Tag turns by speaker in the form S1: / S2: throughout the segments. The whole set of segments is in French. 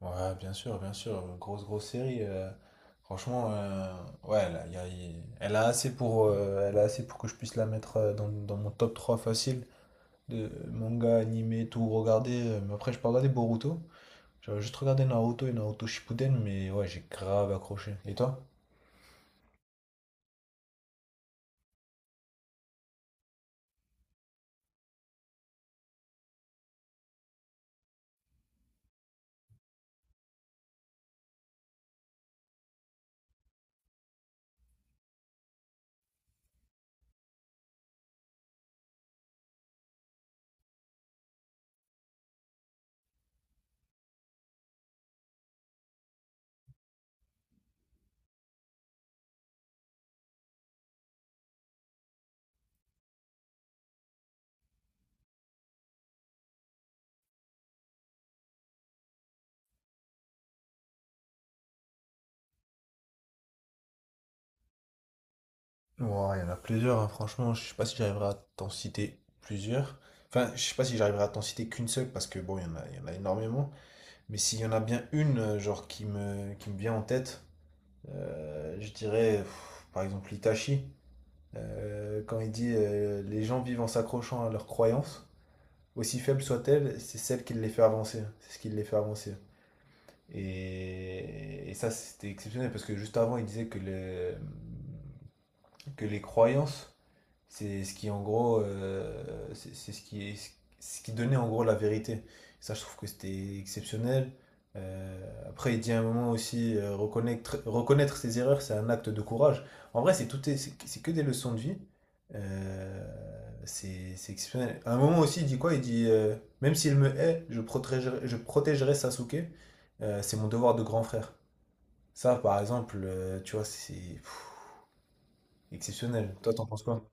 S1: Ouais, bien sûr, bien sûr. Grosse, grosse série. Franchement, ouais, là, elle a assez pour, elle a assez pour que je puisse la mettre dans, dans mon top 3 facile de manga, animé, tout regarder. Mais après, je peux regarder Boruto. J'avais juste regardé Naruto et Naruto Shippuden, mais ouais, j'ai grave accroché. Et toi? Ouais, il y en a plusieurs, hein, franchement. Je sais pas si j'arriverai à t'en citer plusieurs. Enfin, je sais pas si j'arriverai à t'en citer qu'une seule, parce que bon, il y en a énormément. Mais s'il y en a bien une, genre, qui me vient en tête. Je dirais, par exemple, Itachi, quand il dit les gens vivent en s'accrochant à leurs croyances, aussi faibles soient-elles, c'est celle qui les fait avancer. C'est ce qui les fait avancer. Et ça, c'était exceptionnel parce que juste avant, il disait que les croyances c'est ce qui, en gros, c'est ce qui donnait en gros la vérité. Ça, je trouve que c'était exceptionnel. Après, il dit à un moment aussi, reconnaître ses erreurs, c'est un acte de courage. En vrai, c'est tout, est- c'est que des leçons de vie. Euh, c'est exceptionnel. À un moment aussi, il dit quoi? Il dit, même s'il me hait, je protégerai Sasuke. C'est mon devoir de grand frère. Ça, par exemple, tu vois, c'est exceptionnel. Toi, t'en penses quoi?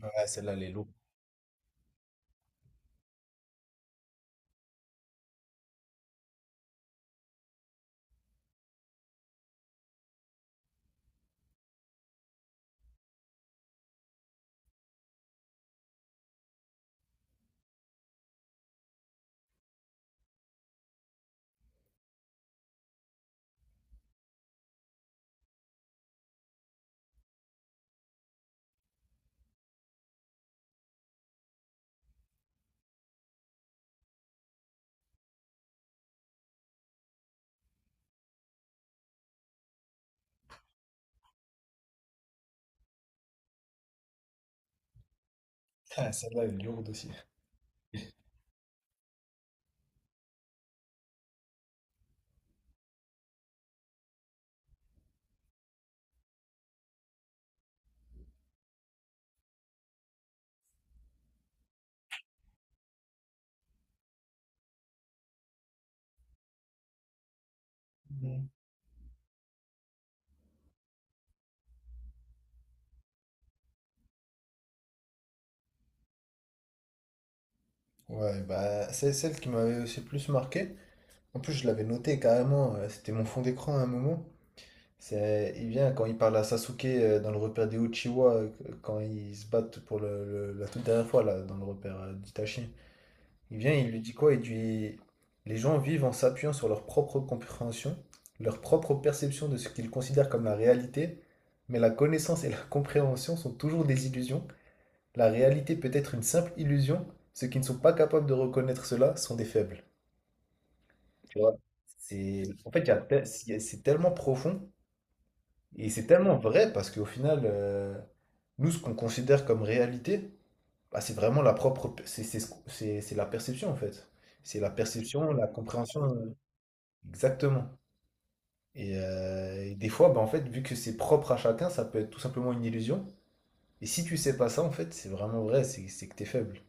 S1: Ouais, celle-là, elle est lourde. Ah, celle-là, elle est lourde aussi. Mhm. Ouais, bah, c'est celle qui m'avait aussi le plus marqué. En plus, je l'avais noté carrément, c'était mon fond d'écran à un moment. C'est, il vient quand il parle à Sasuke dans le repère des Uchiwa, quand ils se battent pour la toute dernière fois, là, dans le repère d'Itachi. Il vient, il lui dit quoi? Il dit, les gens vivent en s'appuyant sur leur propre compréhension, leur propre perception de ce qu'ils considèrent comme la réalité, mais la connaissance et la compréhension sont toujours des illusions. La réalité peut être une simple illusion. Ceux qui ne sont pas capables de reconnaître cela sont des faibles. Tu vois? C'est, en fait, il y a te- c'est tellement profond et c'est tellement vrai parce qu'au final, nous, ce qu'on considère comme réalité, bah, c'est vraiment la propre, c'est ce qu'on- c'est la perception en fait. C'est la perception, la compréhension, exactement. Et des fois, bah, en fait, vu que c'est propre à chacun, ça peut être tout simplement une illusion. Et si tu sais pas ça, en fait, c'est que t'es faible.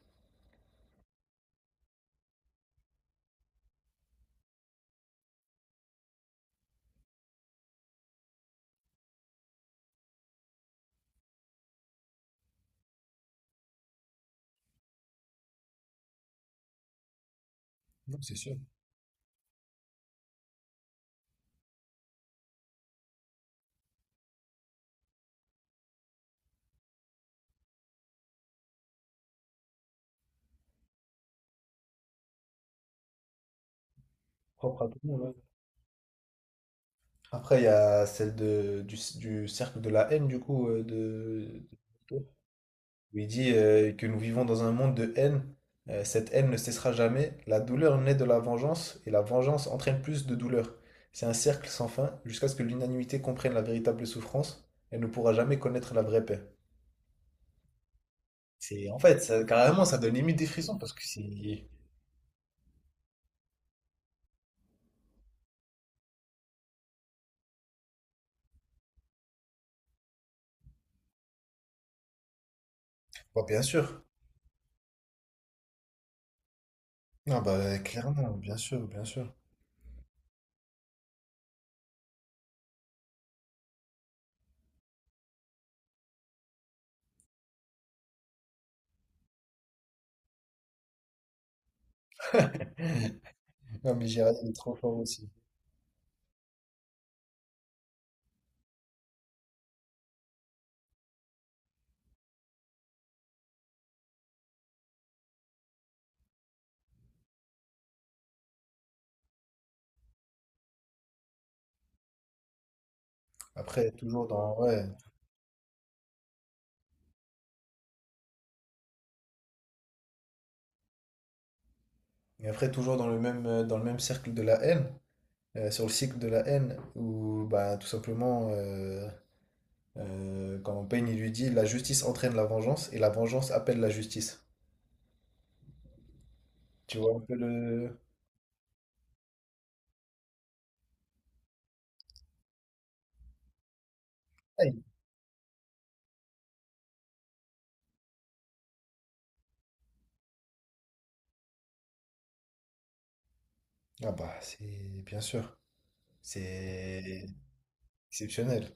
S1: Non, c'est sûr. Propre à tout le monde, ouais. Après, il y a celle de, du cercle de la haine, du coup, de- où il dit que nous vivons dans un monde de haine. Cette haine ne cessera jamais. La douleur naît de la vengeance et la vengeance entraîne plus de douleur. C'est un cercle sans fin jusqu'à ce que l'unanimité comprenne la véritable souffrance. Elle ne pourra jamais connaître la vraie paix. C'est, en fait, carrément, ça donne limite des frissons parce que c'est. Bah, bien sûr. Non, bah, clairement, bien sûr, bien sûr. Non, mais Gérald, il est trop fort aussi. Après, toujours dans. Ouais. Et après, toujours dans le même cercle de la haine, sur le cycle de la haine, où bah, tout simplement, quand Payne il lui dit la justice entraîne la vengeance et la vengeance appelle la justice. Tu vois un peu le. Aïe. Ah bah, c'est bien sûr, c'est exceptionnel.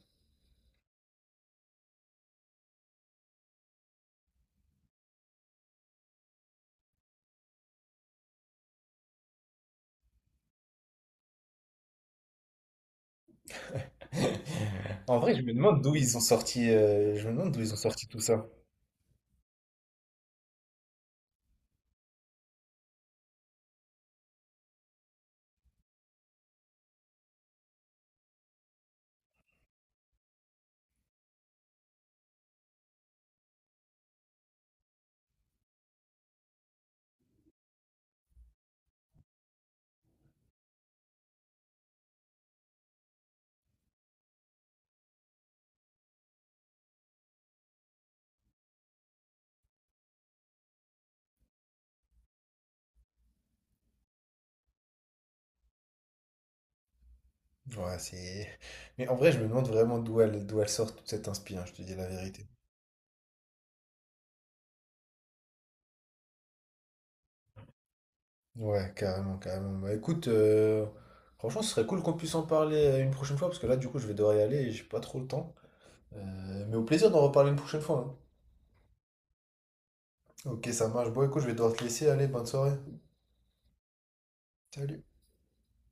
S1: En vrai, je me demande d'où ils ont sorti tout ça. Ouais, c'est. Mais en vrai, je me demande vraiment d'où elle sort toute cette inspiration, je te dis la vérité. Ouais, carrément, carrément. Bah écoute, franchement, ce serait cool qu'on puisse en parler une prochaine fois, parce que là, du coup, je vais devoir y aller et j'ai pas trop le temps. Mais au plaisir d'en reparler une prochaine fois. Hein. Ok, ça marche. Bon, écoute, je vais devoir te laisser. Allez, bonne soirée. Salut.